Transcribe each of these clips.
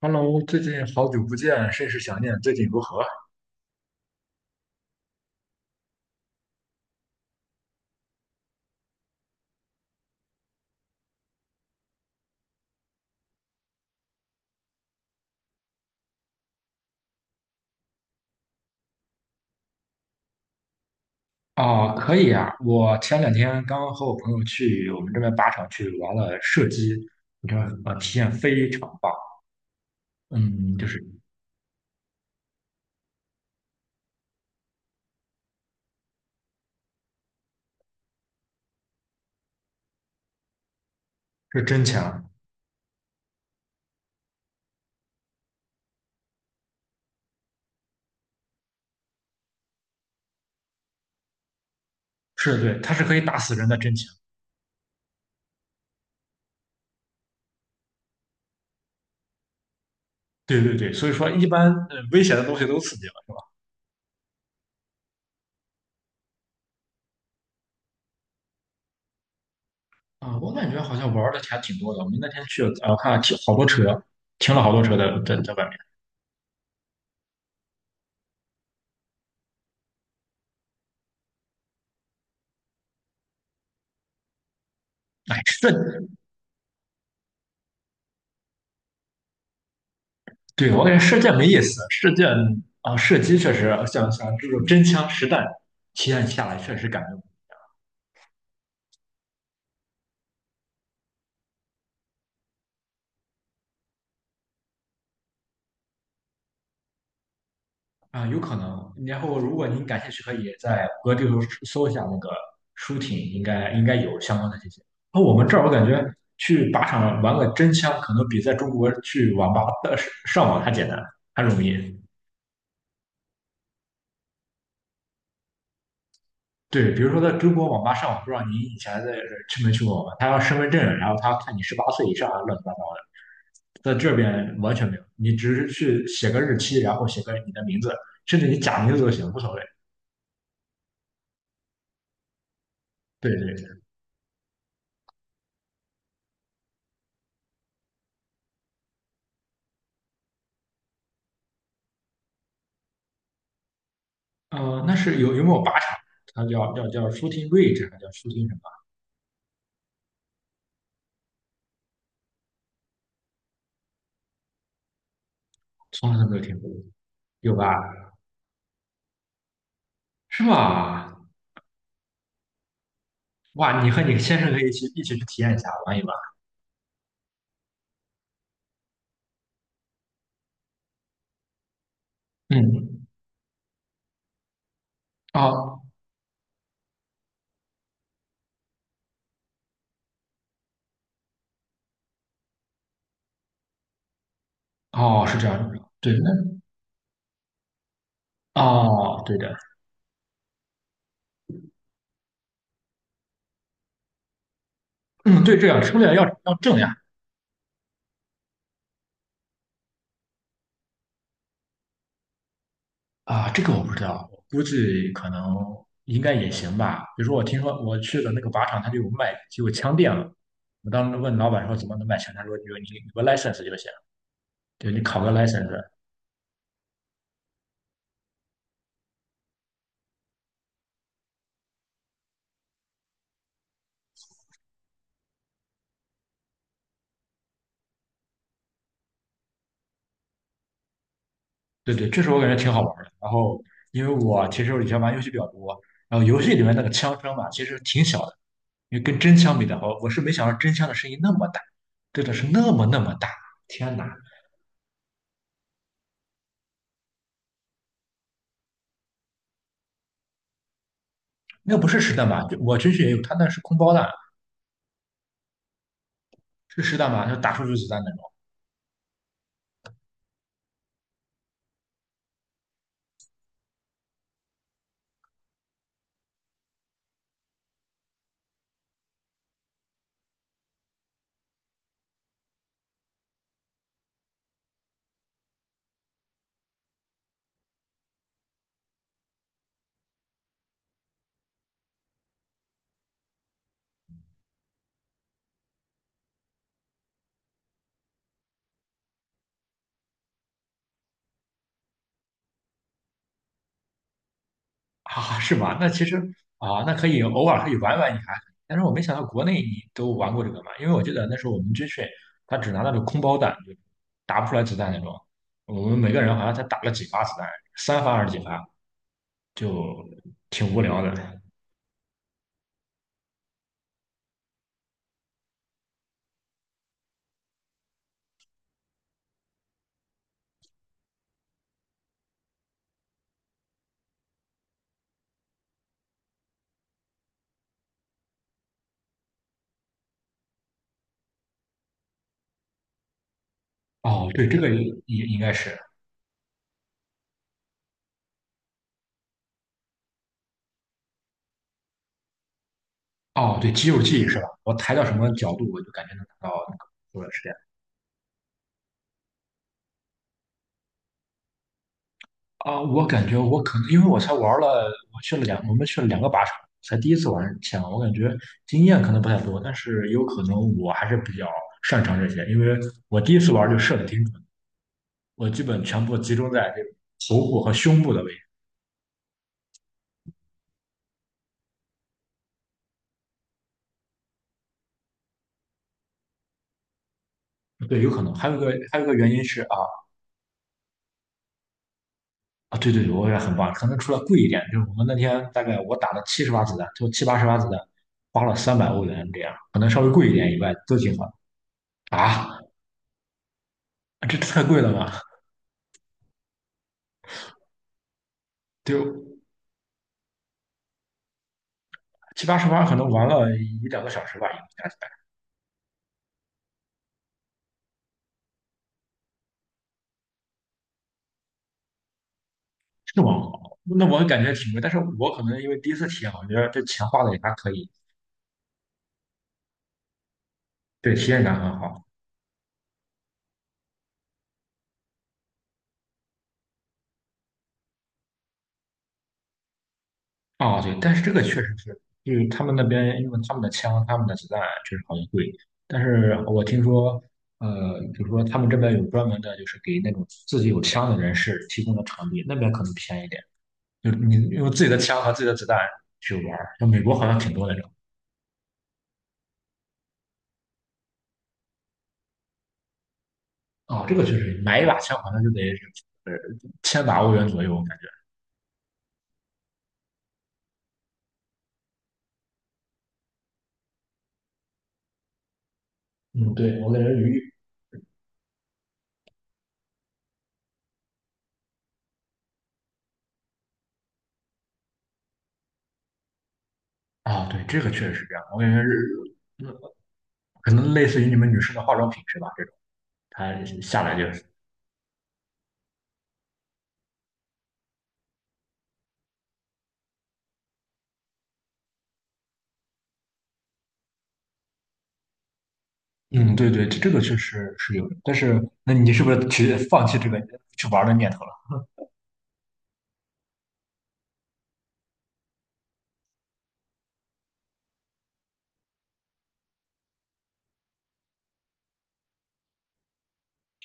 Hello，最近好久不见，甚是想念。最近如何？哦，可以啊！我前两天刚和我朋友去我们这边靶场去玩了射击，你看，体验非常棒。嗯，就是是真枪。是对，它是可以打死人的真枪。对对对，所以说一般危险的东西都刺激了。啊、我感觉好像玩的还挺多的。我们那天去，我看停好多车，停了好多车在外面。哎，对，我感觉射箭没意思，射箭啊，射击确实像这种真枪实弹体验下来，确实感觉啊，有可能。然后，如果您感兴趣，可以在谷歌地图搜一下那个舒婷，应该有相关的信息。那我们这儿我感觉去靶场玩个真枪，可能比在中国去网吧的上网还简单，还容易。对，比如说在中国网吧上网，不知道您以前去没去过网吧？他要身份证，然后他看你18岁以上啊，乱七八糟的。在这边完全没有，你只是去写个日期，然后写个你的名字，甚至你假名字都行，无所谓。对对对，那是有没有靶场？它叫 shooting range，还叫 shooting 什么？从来都没有听过，有吧？是吧？哇，你和你先生可以一起去体验一下，玩一玩。嗯，哦哦，是这样的，对，那哦，对的，嗯，对，这样，不了要正呀，啊，这个我不知道，我估计可能应该也行吧。比如说，我听说我去的那个靶场，它就有卖就有枪店了。我当时问老板说怎么能卖枪，他说你有个 license 就行，对你考个 license。对对，这时候我感觉挺好玩儿的。然后，因为我其实以前玩游戏比较多，然后游戏里面那个枪声嘛，其实挺小的，因为跟真枪比的话，我是没想到真枪的声音那么大，真的是那么那么大。天哪，那不是实弹吧？就我军训也有，他那是空包弹，是实弹吧？就打出去子弹的。啊，是吗？那其实啊，那可以偶尔可以玩玩一下，但是我没想到国内你都玩过这个嘛，因为我记得那时候我们军训，他只拿那种空包弹，就打不出来子弹那种。我们每个人好像才打了几发子弹，3发还是几发，就挺无聊的。哦，对，这个也应该是。哦，对，肌肉记忆是吧？我抬到什么角度，我就感觉能达到那个，是这样。啊，我感觉我可能因为我才玩了，我们去了两个靶场，才第一次玩枪，我感觉经验可能不太多，但是有可能我还是比较擅长这些，因为我第一次玩就射的挺准，我基本全部集中在这个头部和胸部的位置。对，有可能还有一个原因是啊啊，对对对，我也很棒，可能除了贵一点，就是我们那天大概我打了70发子弹，就七八十发子弹，花了300欧元这样，可能稍微贵一点以外都挺好啊，这太贵了吧？对。七八十盘可能玩了一两个小时吧，应该是网好，那我感觉挺贵，但是我可能因为第一次体验，我觉得这钱花的也还可以，对，体验感很好。啊，对，但是这个确实是，就是他们那边因为他们的枪、他们的子弹确实好像贵，但是我听说，比如说他们这边有专门的，就是给那种自己有枪的人士提供的场地，那边可能便宜点，就是你用自己的枪和自己的子弹去玩儿，像美国好像挺多的。哦，这个确实，买一把枪好像就得呃千把欧元左右，我感觉。嗯，对，我感觉鱼，啊、对，这个确实是这样。我感觉是，嗯，可能类似于你们女生的化妆品是吧？这种，它下来就是，嗯，对对，这个确实是有的。但是，那你是不是去放弃这个去玩的念头了？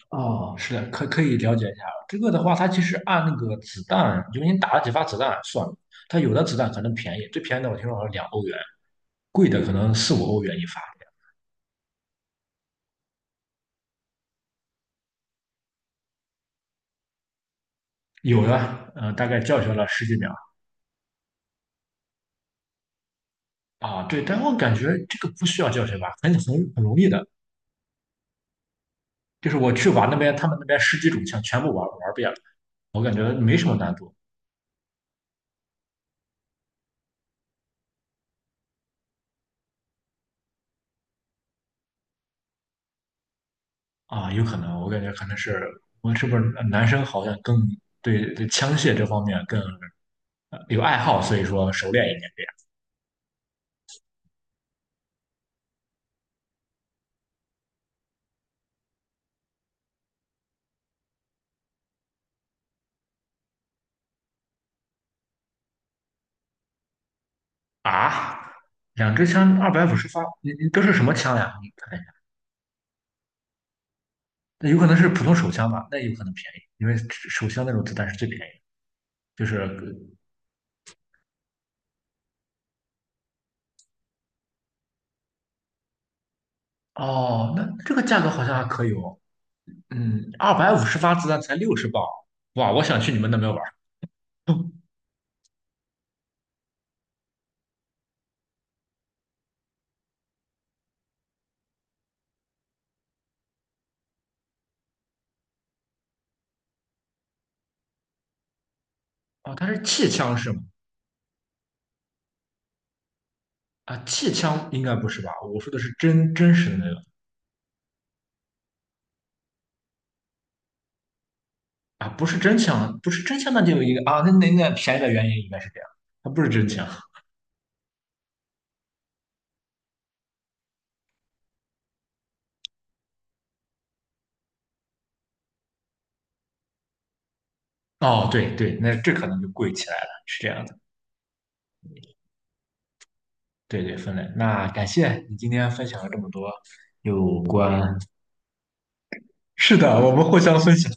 啊，是的，可以了解一下。这个的话，它其实按那个子弹，就是你打了几发子弹算了。它有的子弹可能便宜，最便宜的我听说好像2欧元，贵的可能四五欧元一发。有的，大概教学了十几秒啊，对，但我感觉这个不需要教学吧，很容易的，就是我去玩那边，他们那边十几种枪全部玩遍了，我感觉没什么难度啊，有可能，我感觉可能是我们是不是男生好像更对枪械这方面更有爱好，所以说熟练一点啊。两支枪二百五十发，你都是什么枪呀？你看一下，那有可能是普通手枪吧，那有可能便宜，因为手枪那种子弹是最便宜，就是哦，那这个价格好像还可以哦。嗯，二百五十发子弹才60磅，哇！我想去你们那边玩儿。哦，它是气枪是吗？啊，气枪应该不是吧？我说的是真实的那个啊，不是真枪，不是真枪，那就有一个啊，那便宜的原因应该是这样，它不是真枪。哦，对对，那这可能就贵起来了，是这样的。对对，分类。那感谢你今天分享了这么多有关。是的，我们互相分享。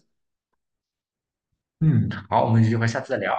嗯，好，我们有机会下次再聊。